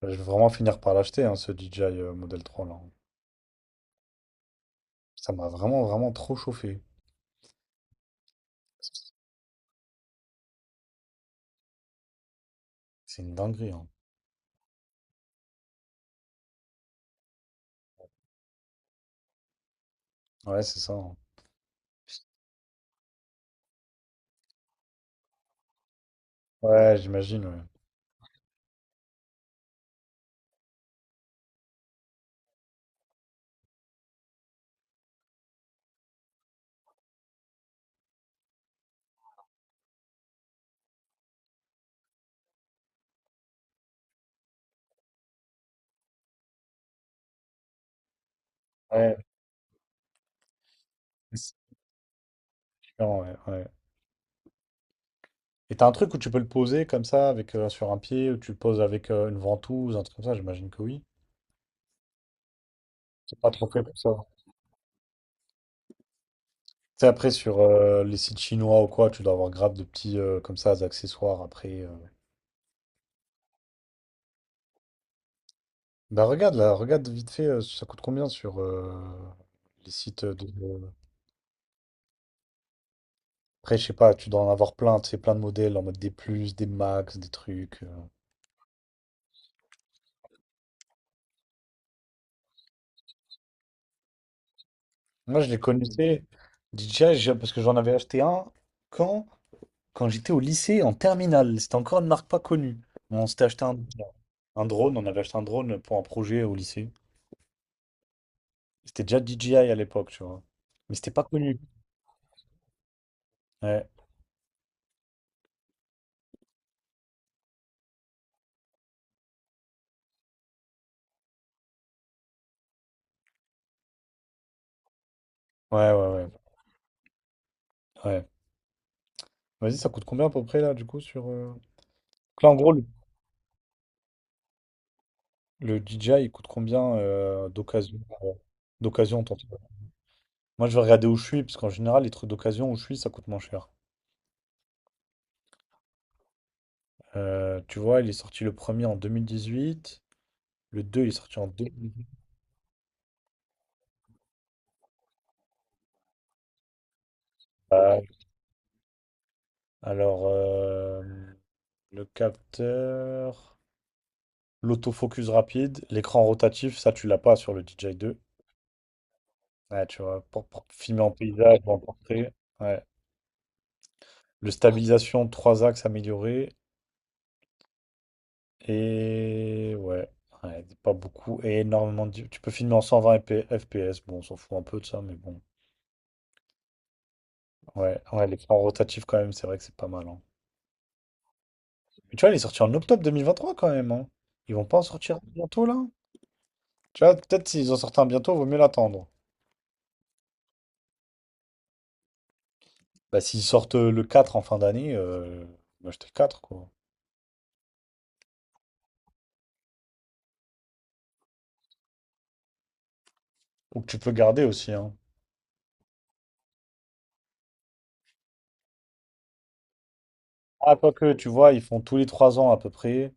Je vais vraiment finir par l'acheter, hein, ce DJI Model 3 là. Ça m'a vraiment, vraiment trop chauffé. C'est une dinguerie, hein. Ouais, c'est ça, hein. Ouais, j'imagine, ouais. Ouais, c'est différent, ouais, ouais. Et t'as un truc où tu peux le poser comme ça, avec sur un pied, ou tu le poses avec une ventouse, un truc comme ça, j'imagine que oui. C'est pas trop fait pour ça. Tu sais, après, sur les sites chinois ou quoi, tu dois avoir grave de petits, comme ça, des accessoires après. Bah regarde là, regarde vite fait, ça coûte combien sur les sites de... Après, je sais pas, tu dois en avoir plein, tu sais, plein de modèles en mode des plus, des max, des trucs. Moi, je les connaissais, DJI, parce que j'en avais acheté un quand, quand j'étais au lycée en terminale. C'était encore une marque pas connue. On s'était acheté Un drone, on avait acheté un drone pour un projet au lycée. C'était déjà DJI à l'époque, tu vois. Mais c'était pas connu. Ouais, ouais, ouais, ouais, ouais. Vas-y, ça coûte combien à peu près là, du coup, sur. Donc là, en gros, le DJI, il coûte combien d'occasion d'occasion, moi, je vais regarder où je suis, parce qu'en général, les trucs d'occasion où je suis, ça coûte moins cher. Tu vois, il est sorti le premier en 2018, le deux il est sorti en 2018. Alors, le capteur, l'autofocus rapide, l'écran rotatif, ça, tu l'as pas sur le DJI 2. Ouais, tu vois, pour filmer en paysage ou en portrait. Ouais. Le stabilisation, trois axes améliorés. Et ouais, ouais, pas beaucoup. Et énormément de... Tu peux filmer en 120 FPS. Bon, on s'en fout un peu de ça, mais bon. Ouais, ouais, les plans rotatifs quand même, c'est vrai que c'est pas mal, hein. Mais tu vois, il est sorti en octobre 2023 quand même, hein. Ils vont pas en sortir bientôt là? Tu vois, peut-être s'ils en sortent un bientôt, vaut mieux l'attendre. Bah, s'ils sortent le 4 en fin d'année, bah, j'étais le 4 quoi. Ou que tu peux garder aussi, hein. Que tu vois, ils font tous les 3 ans à peu près.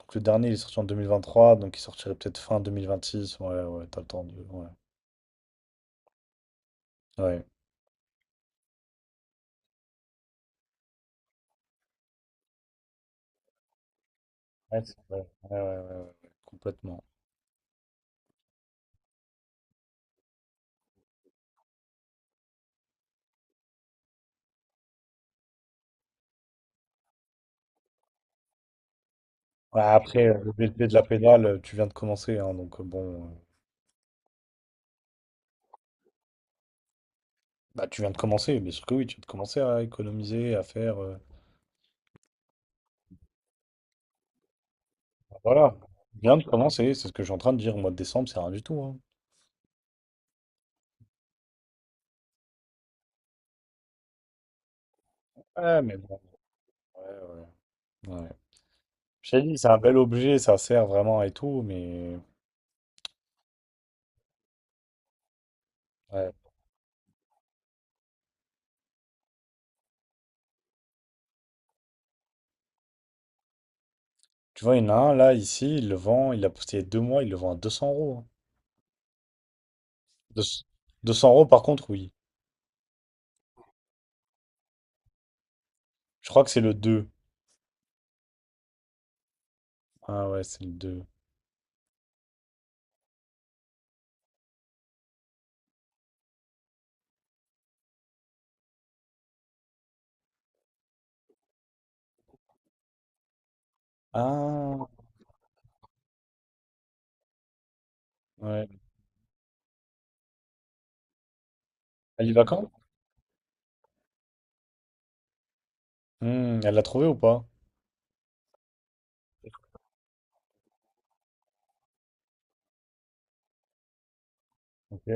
Donc le dernier il est sorti en 2023, donc il sortirait peut-être fin 2026. Ouais, ouais, t'as le temps de. Ouais, ouais, Ouais, c'est vrai. Ouais, ouais, ouais, ouais, ouais, complètement. Ouais, après, le BLP de la pédale, tu viens de commencer, hein, donc bon. Bah, tu viens de commencer, bien sûr que oui, tu viens de commencer à économiser, à faire. Voilà, tu viens de commencer, c'est ce que je suis en train de dire. Au mois de décembre, c'est rien du tout, hein. Ouais, mais bon, ouais, ouais, ouais. Je t'ai dit, c'est un bel objet, ça sert vraiment et tout, mais. Ouais. Tu vois, il y en a un là, ici, il le vend, il a posté il y a 2 mois, il le vend à 200 euros, hein. Deux- 200 euros, par contre, oui. Je crois que c'est le deux. Ah ouais, c'est le deux. Ah, ouais. Elle y va quand? Hmm, elle l'a trouvé ou pas? Ok.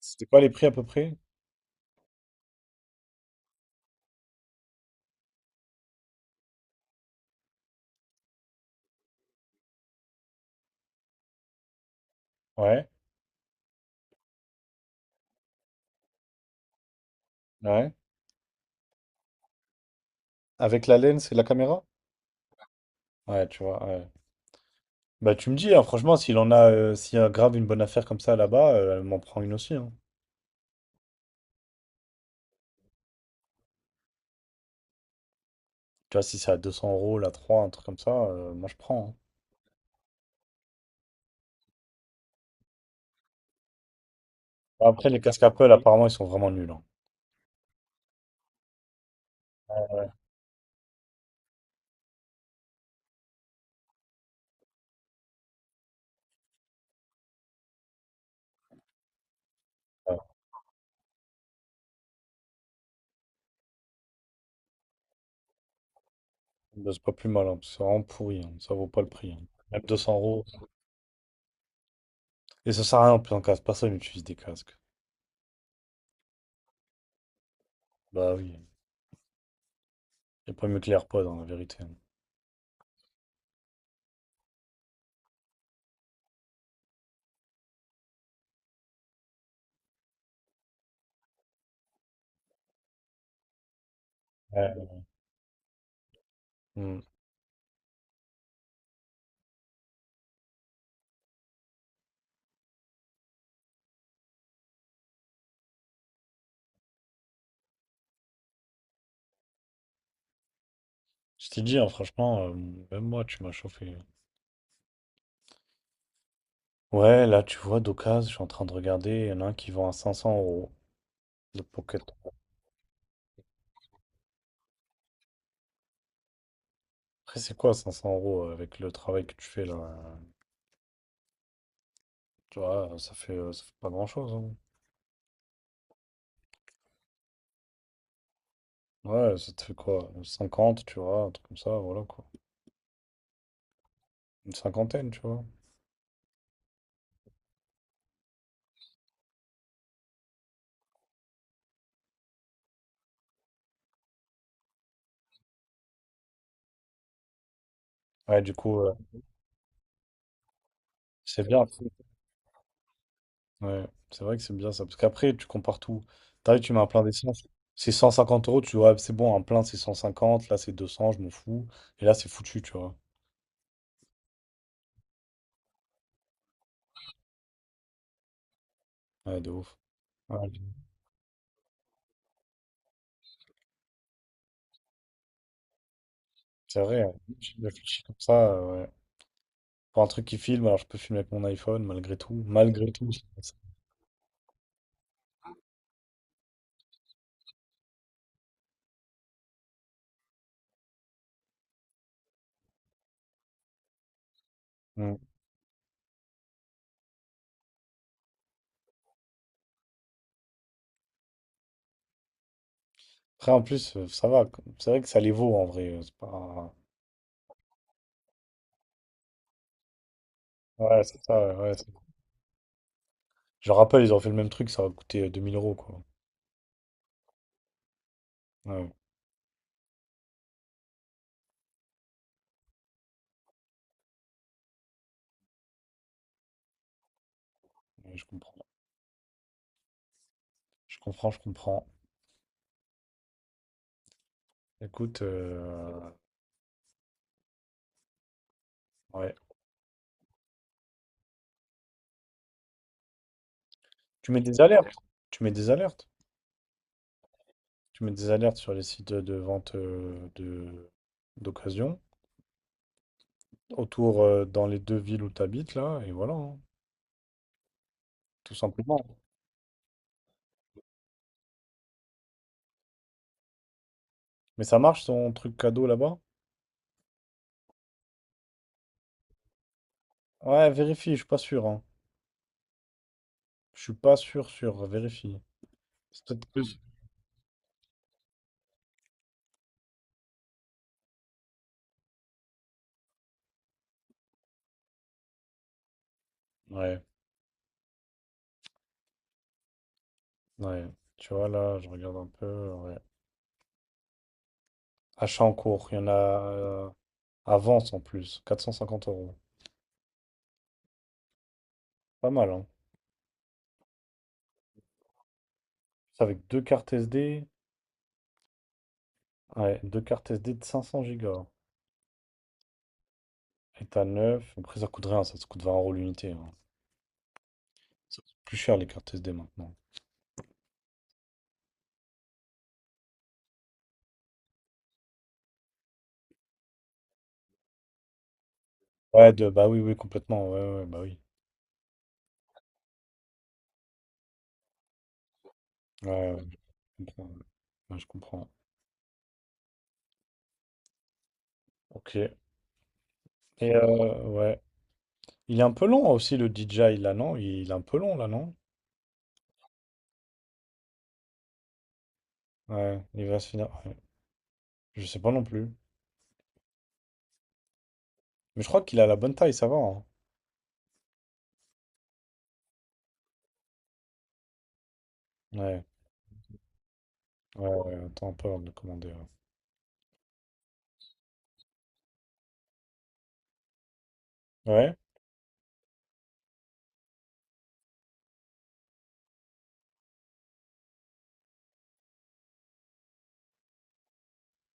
C'était quoi les prix à peu près? Ouais, ouais. Avec la laine, c'est la caméra? Ouais, tu vois, ouais. Bah, tu me dis, hein, franchement, s'il en a, s'il y a grave une bonne affaire comme ça là-bas, elle m'en prend une aussi, hein. Tu vois, si c'est à 200 euros, là trois un truc comme ça, moi je prends, hein. Bah, après, les casques Apple, apparemment, ils sont vraiment nuls, hein. Ouais. Bah, c'est pas plus mal, hein, parce que c'est vraiment pourri, hein. Ça vaut pas le prix, hein. Même 200 euros. Et ça sert à rien en plus en casque. Personne n'utilise des casques. Bah oui. Il a pas mieux que les AirPods, en la vérité, hein. Ouais. Hmm. Je t'ai dit, hein, franchement, même moi, tu m'as chauffé. Ouais, là, tu vois, d'occasion, je suis en train de regarder. Il y en a un qui vend à 500 euros, le Pocket. Après, c'est quoi 500 € avec le travail que tu fais là? Tu vois, ça fait pas grand-chose, hein. Ouais, ça te fait quoi? 50, tu vois, un truc comme ça, voilà quoi. Une cinquantaine, tu vois. Ouais, du coup, c'est bien. Ouais, c'est vrai que c'est bien ça. Parce qu'après, tu compares tout. T'arrives, tu mets un plein d'essence. C'est 150 euros, tu vois, c'est bon, un plein c'est 150, là c'est 200, je m'en fous. Et là, c'est foutu, tu vois. Ouais, de ouf. Ouais, c'est vrai, ouais. Je réfléchis comme ça. Ouais. Pour un truc qui filme, alors je peux filmer avec mon iPhone, malgré tout. Malgré tout, je pense. Mm. Après, en plus, ça va, quoi. C'est vrai que ça les vaut en vrai. C'est pas... Ouais, c'est ça. Ouais, ouais, je le rappelle, ils ont fait le même truc, ça va coûter 2000 euros, quoi. Ouais, ouais, je comprends. Je comprends, je comprends. Écoute, ouais. Tu mets des alertes. Tu mets des alertes. Tu mets des alertes sur les sites de vente de d'occasion. Autour, dans les deux villes où tu habites, là, et voilà, hein. Tout simplement. Mais ça marche son truc cadeau là-bas? Ouais, vérifie, je suis pas sûr, hein. Je suis pas sûr, sûr, vérifie. C'est peut-être plus. Ouais, ouais. Tu vois, là, je regarde un peu. Ouais. Achat en cours, il y en a avance en plus, 450 euros. Pas mal, hein. C'est avec deux cartes SD. Ouais, deux cartes SD de 500 gigas. État neuf. Après, ça coûte rien, ça coûte 20 € l'unité, hein. Ça coûte plus cher les cartes SD maintenant. Ouais, de, bah oui, oui, complètement. Ouais, ouais, ouais, bah oui. Ouais, ouais, je comprends. Ouais, je comprends. Ok. Et ouais. Il est un peu long aussi le DJI là, non? Il est un peu long là, non? Ouais, il va se finir, ouais. Je sais pas non plus. Mais je crois qu'il a la bonne taille, ça va, hein. Ouais, ouais, ouais. Attends un peu avant de le commander. Ouais.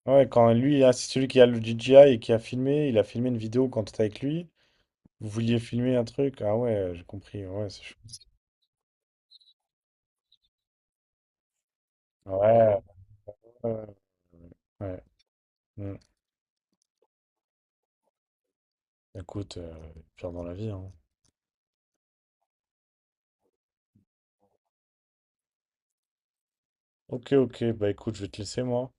Ouais, ouais, quand lui, ah, c'est celui qui a le DJI et qui a filmé, il a filmé une vidéo quand t'étais avec lui. Vous vouliez filmer un truc? Ah ouais, j'ai compris. Ouais, c'est chou. Ouais, ouais, ouais. Mm. Écoute, pire dans la vie, hein. Ok, ok, bah écoute, je vais te laisser moi.